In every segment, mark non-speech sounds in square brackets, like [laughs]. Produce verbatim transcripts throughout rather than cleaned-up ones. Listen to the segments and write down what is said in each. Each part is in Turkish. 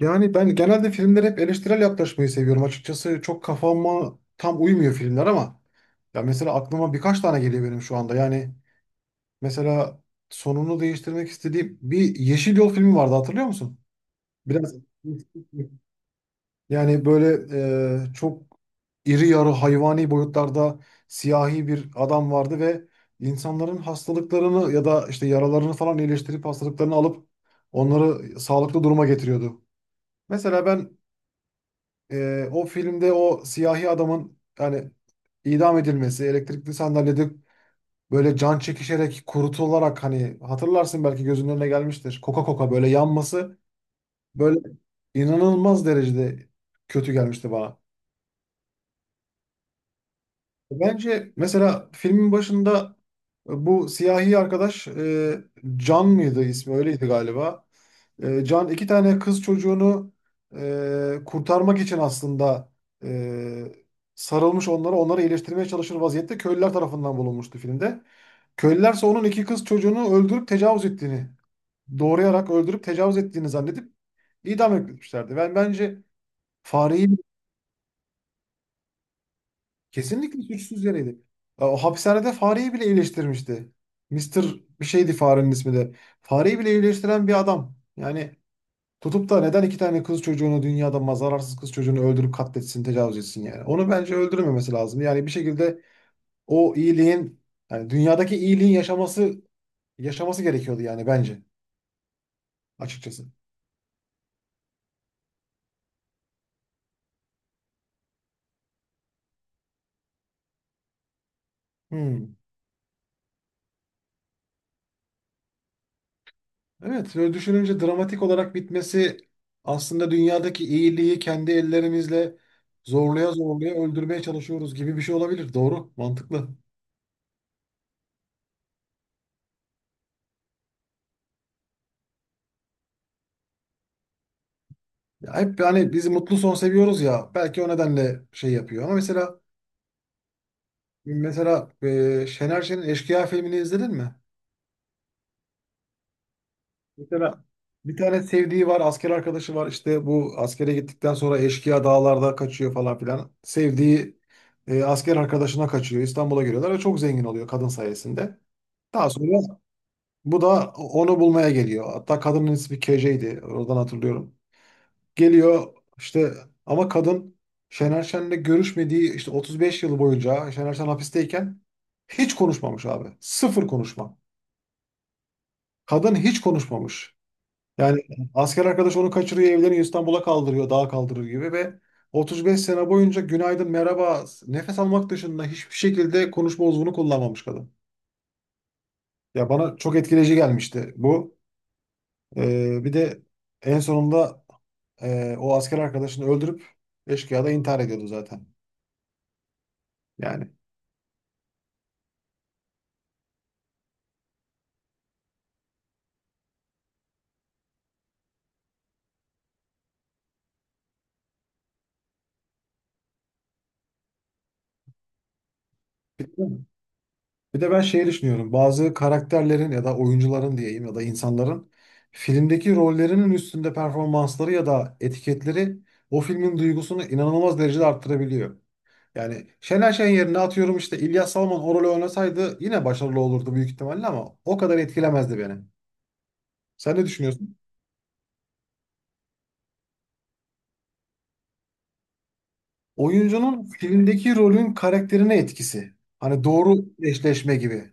Yani ben genelde filmlere hep eleştirel yaklaşmayı seviyorum. Açıkçası çok kafama tam uymuyor filmler ama ya mesela aklıma birkaç tane geliyor benim şu anda. Yani mesela sonunu değiştirmek istediğim bir Yeşil Yol filmi vardı, hatırlıyor musun? Biraz [laughs] yani böyle e, çok iri yarı hayvani boyutlarda siyahi bir adam vardı ve insanların hastalıklarını ya da işte yaralarını falan iyileştirip hastalıklarını alıp onları sağlıklı duruma getiriyordu. Mesela ben e, o filmde o siyahi adamın yani idam edilmesi, elektrikli sandalyede böyle can çekişerek kurutularak, hani hatırlarsın, belki gözünün önüne gelmiştir. Koka koka böyle yanması böyle inanılmaz derecede kötü gelmişti bana. Bence mesela filmin başında e, bu siyahi arkadaş, e, Can mıydı ismi, öyleydi galiba. E, Can iki tane kız çocuğunu e, kurtarmak için aslında e, sarılmış onlara, onları iyileştirmeye çalışır vaziyette köylüler tarafından bulunmuştu filmde. Köylüler ise onun iki kız çocuğunu öldürüp tecavüz ettiğini, doğrayarak öldürüp tecavüz ettiğini zannedip idam etmişlerdi. Ben bence fareyi kesinlikle suçsuz yereydi. Ya o hapishanede fareyi bile iyileştirmişti. Mister bir şeydi farenin ismi de. Fareyi bile iyileştiren bir adam. Yani tutup da neden iki tane kız çocuğunu, dünyada mazararsız kız çocuğunu öldürüp katletsin, tecavüz etsin yani? Onu bence öldürmemesi lazım. Yani bir şekilde o iyiliğin, yani dünyadaki iyiliğin yaşaması yaşaması gerekiyordu yani bence açıkçası. Hmm. Evet, böyle düşününce dramatik olarak bitmesi, aslında dünyadaki iyiliği kendi ellerimizle zorluya zorluya öldürmeye çalışıyoruz gibi bir şey olabilir. Doğru, mantıklı. Ya hep hani bizi mutlu son seviyoruz ya, belki o nedenle şey yapıyor. Ama mesela mesela e, Şener Şen'in Eşkıya filmini izledin mi? Mesela bir tane sevdiği var, asker arkadaşı var. İşte bu askere gittikten sonra eşkıya dağlarda kaçıyor falan filan. Sevdiği e, asker arkadaşına kaçıyor. İstanbul'a geliyorlar ve çok zengin oluyor kadın sayesinde. Daha sonra bu da onu bulmaya geliyor. Hatta kadının ismi K J'ydi. Oradan hatırlıyorum. Geliyor işte ama kadın Şener Şen'le görüşmediği işte otuz beş yıl boyunca, Şener Şen hapisteyken hiç konuşmamış abi. Sıfır konuşma. Kadın hiç konuşmamış. Yani asker arkadaş onu kaçırıyor, evleniyor, İstanbul'a kaldırıyor, dağa kaldırır gibi ve otuz beş sene boyunca günaydın, merhaba, nefes almak dışında hiçbir şekilde konuşma uzvunu kullanmamış kadın. Ya bana çok etkileyici gelmişti bu. Ee, bir de en sonunda e, o asker arkadaşını öldürüp eşkıya da intihar ediyordu zaten. Yani bitti mi? Bir de ben şeyi düşünüyorum. Bazı karakterlerin ya da oyuncuların diyeyim, ya da insanların filmdeki rollerinin üstünde performansları ya da etiketleri o filmin duygusunu inanılmaz derecede arttırabiliyor. Yani Şener Şen yerine atıyorum işte İlyas Salman o rolü oynasaydı yine başarılı olurdu büyük ihtimalle ama o kadar etkilemezdi beni. Sen ne düşünüyorsun? Oyuncunun filmdeki rolün karakterine etkisi. Hani doğru eşleşme gibi.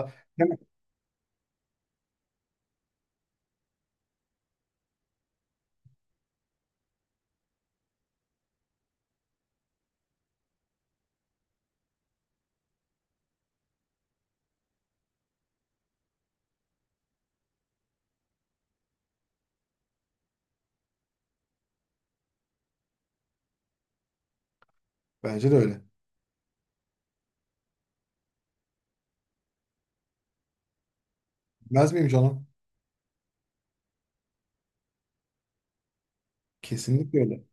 Mesela değil mi? Bence de öyle. Bilmez miyim canım? Kesinlikle öyle.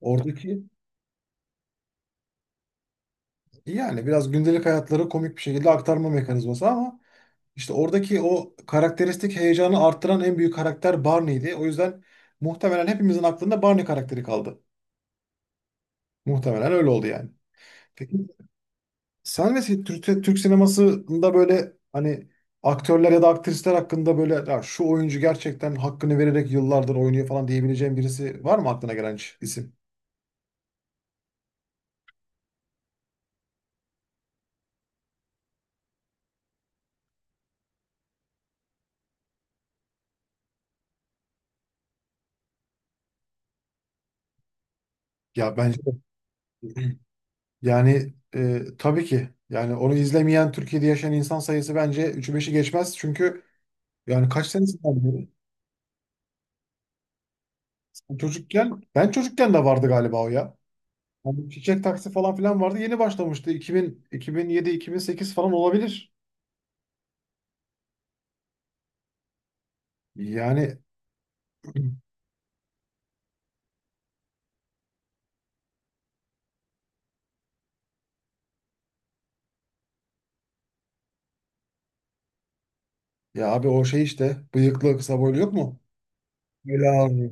Oradaki yani biraz gündelik hayatları komik bir şekilde aktarma mekanizması ama işte oradaki o karakteristik heyecanı arttıran en büyük karakter Barney'di. O yüzden muhtemelen hepimizin aklında Barney karakteri kaldı. Muhtemelen öyle oldu yani. Peki sen ve Türk, Türk sinemasında böyle hani aktörler ya da aktrisler hakkında böyle "Ya şu oyuncu gerçekten hakkını vererek yıllardır oynuyor" falan diyebileceğin birisi var mı, aklına gelen hiç isim? Ya bence de. [clears throat] yani e, tabii ki yani onu izlemeyen Türkiye'de yaşayan insan sayısı bence üçü beşi geçmez. Çünkü yani kaç senesinden beri? Sen çocukken, ben çocukken de vardı galiba o ya. Yani çiçek taksi falan filan vardı. Yeni başlamıştı. iki bin, iki bin yedi-iki bin sekiz falan olabilir. Yani [clears throat] ya abi o şey işte, bıyıklı kısa boylu, yok mu? Öyle abi.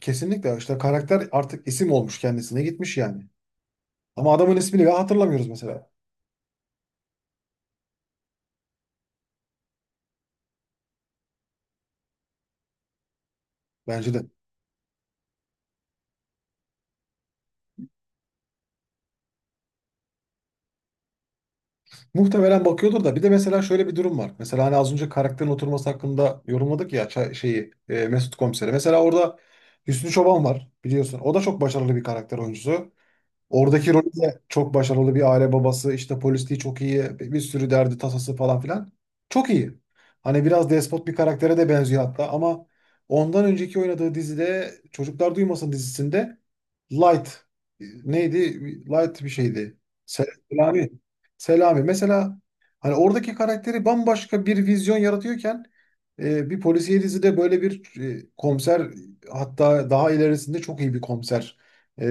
Kesinlikle işte karakter artık isim olmuş, kendisine gitmiş yani. Ama adamın ismini bile hatırlamıyoruz mesela. Bence de. Muhtemelen bakıyordur da, bir de mesela şöyle bir durum var. Mesela hani az önce karakterin oturması hakkında yorumladık ya, ça- şeyi, e, Mesut Komiser'i. Mesela orada Hüsnü Çoban var, biliyorsun. O da çok başarılı bir karakter oyuncusu. Oradaki rolü de çok başarılı bir aile babası, işte polisliği çok iyi, bir bir sürü derdi tasası falan filan. Çok iyi. Hani biraz despot bir karaktere de benziyor hatta ama ondan önceki oynadığı dizide, Çocuklar Duymasın dizisinde, Light e, neydi? Light bir şeydi. Sel- Selami. Selami. Mesela hani oradaki karakteri bambaşka bir vizyon yaratıyorken e, bir polisiye dizide böyle bir e, komiser, hatta daha ilerisinde çok iyi bir komiser e,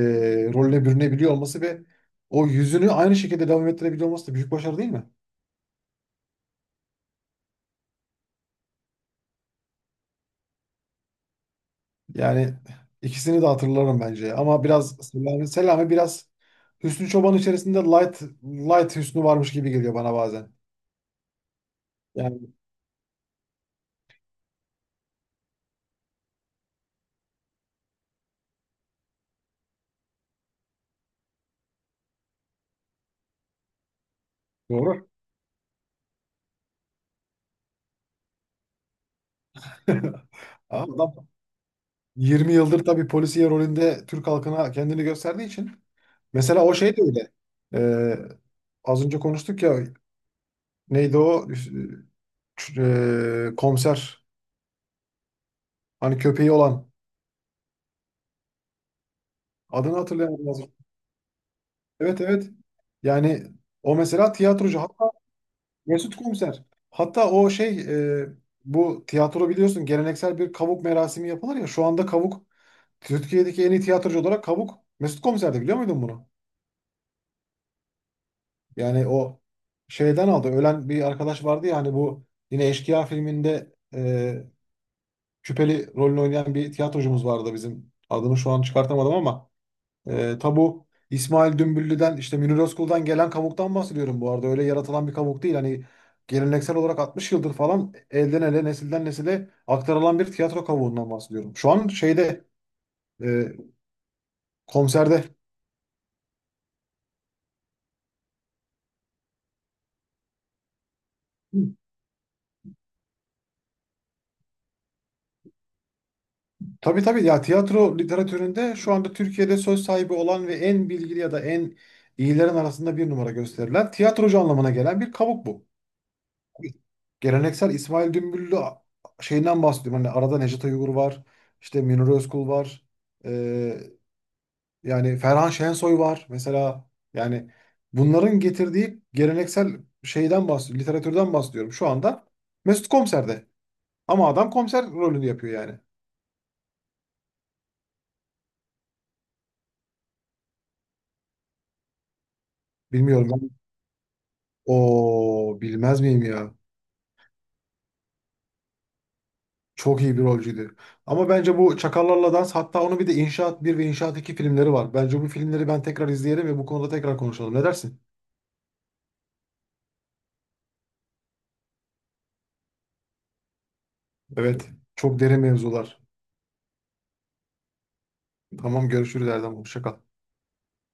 rolüne bürünebiliyor olması ve o yüzünü aynı şekilde devam ettirebiliyor olması da büyük başarı değil mi? Yani ikisini de hatırlarım bence. Ama biraz Selami, Selami biraz Hüsnü Çoban içerisinde light light Hüsnü varmış gibi geliyor bana bazen. Yani doğru. [laughs] Adam yirmi yıldır tabii polisiye rolünde Türk halkına kendini gösterdiği için. Mesela o şey de öyle. Ee, az önce konuştuk ya, neydi o, Üf, e, komiser, hani köpeği olan, adını hatırlayamadım. Evet, evet. Yani o mesela tiyatrocu hatta, Mesut Komiser. Hatta o şey, e, bu tiyatro biliyorsun, geleneksel bir kavuk merasimi yapılır ya. Şu anda kavuk, Türkiye'deki en iyi tiyatrocu olarak kavuk, Mesut Komiser'di, biliyor muydun bunu? Yani o şeyden aldı. Ölen bir arkadaş vardı ya hani, bu yine Eşkıya filminde e, küpeli rolünü oynayan bir tiyatrocumuz vardı bizim. Adını şu an çıkartamadım ama. E, tabu İsmail Dümbüllü'den işte Münir Özkul'dan gelen kavuktan bahsediyorum bu arada. Öyle yaratılan bir kavuk değil. Hani geleneksel olarak altmış yıldır falan elden ele, nesilden nesile aktarılan bir tiyatro kavuğundan bahsediyorum. Şu an şeyde, e, konserde. Tabii tabii ya, tiyatro literatüründe şu anda Türkiye'de söz sahibi olan ve en bilgili ya da en iyilerin arasında bir numara gösterilen tiyatrocu anlamına gelen bir kavuk bu. Geleneksel İsmail Dümbüllü şeyinden bahsediyorum. Hani arada Necdet Uygur var, işte Münir Özkul var. Ee, yani Ferhan Şensoy var. Mesela yani bunların getirdiği geleneksel şeyden bahsediyorum. Literatürden bahsediyorum. Şu anda Mesut Komiser'de. Ama adam komiser rolünü yapıyor yani. Bilmiyorum ben. O bilmez miyim ya? Çok iyi bir rolcüydü. Ama bence bu Çakallarla Dans, hatta onun bir de İnşaat bir ve İnşaat iki filmleri var. Bence bu filmleri ben tekrar izleyelim ve bu konuda tekrar konuşalım. Ne dersin? Evet. Çok derin mevzular. Tamam, görüşürüz Erdem. Hoşça kal.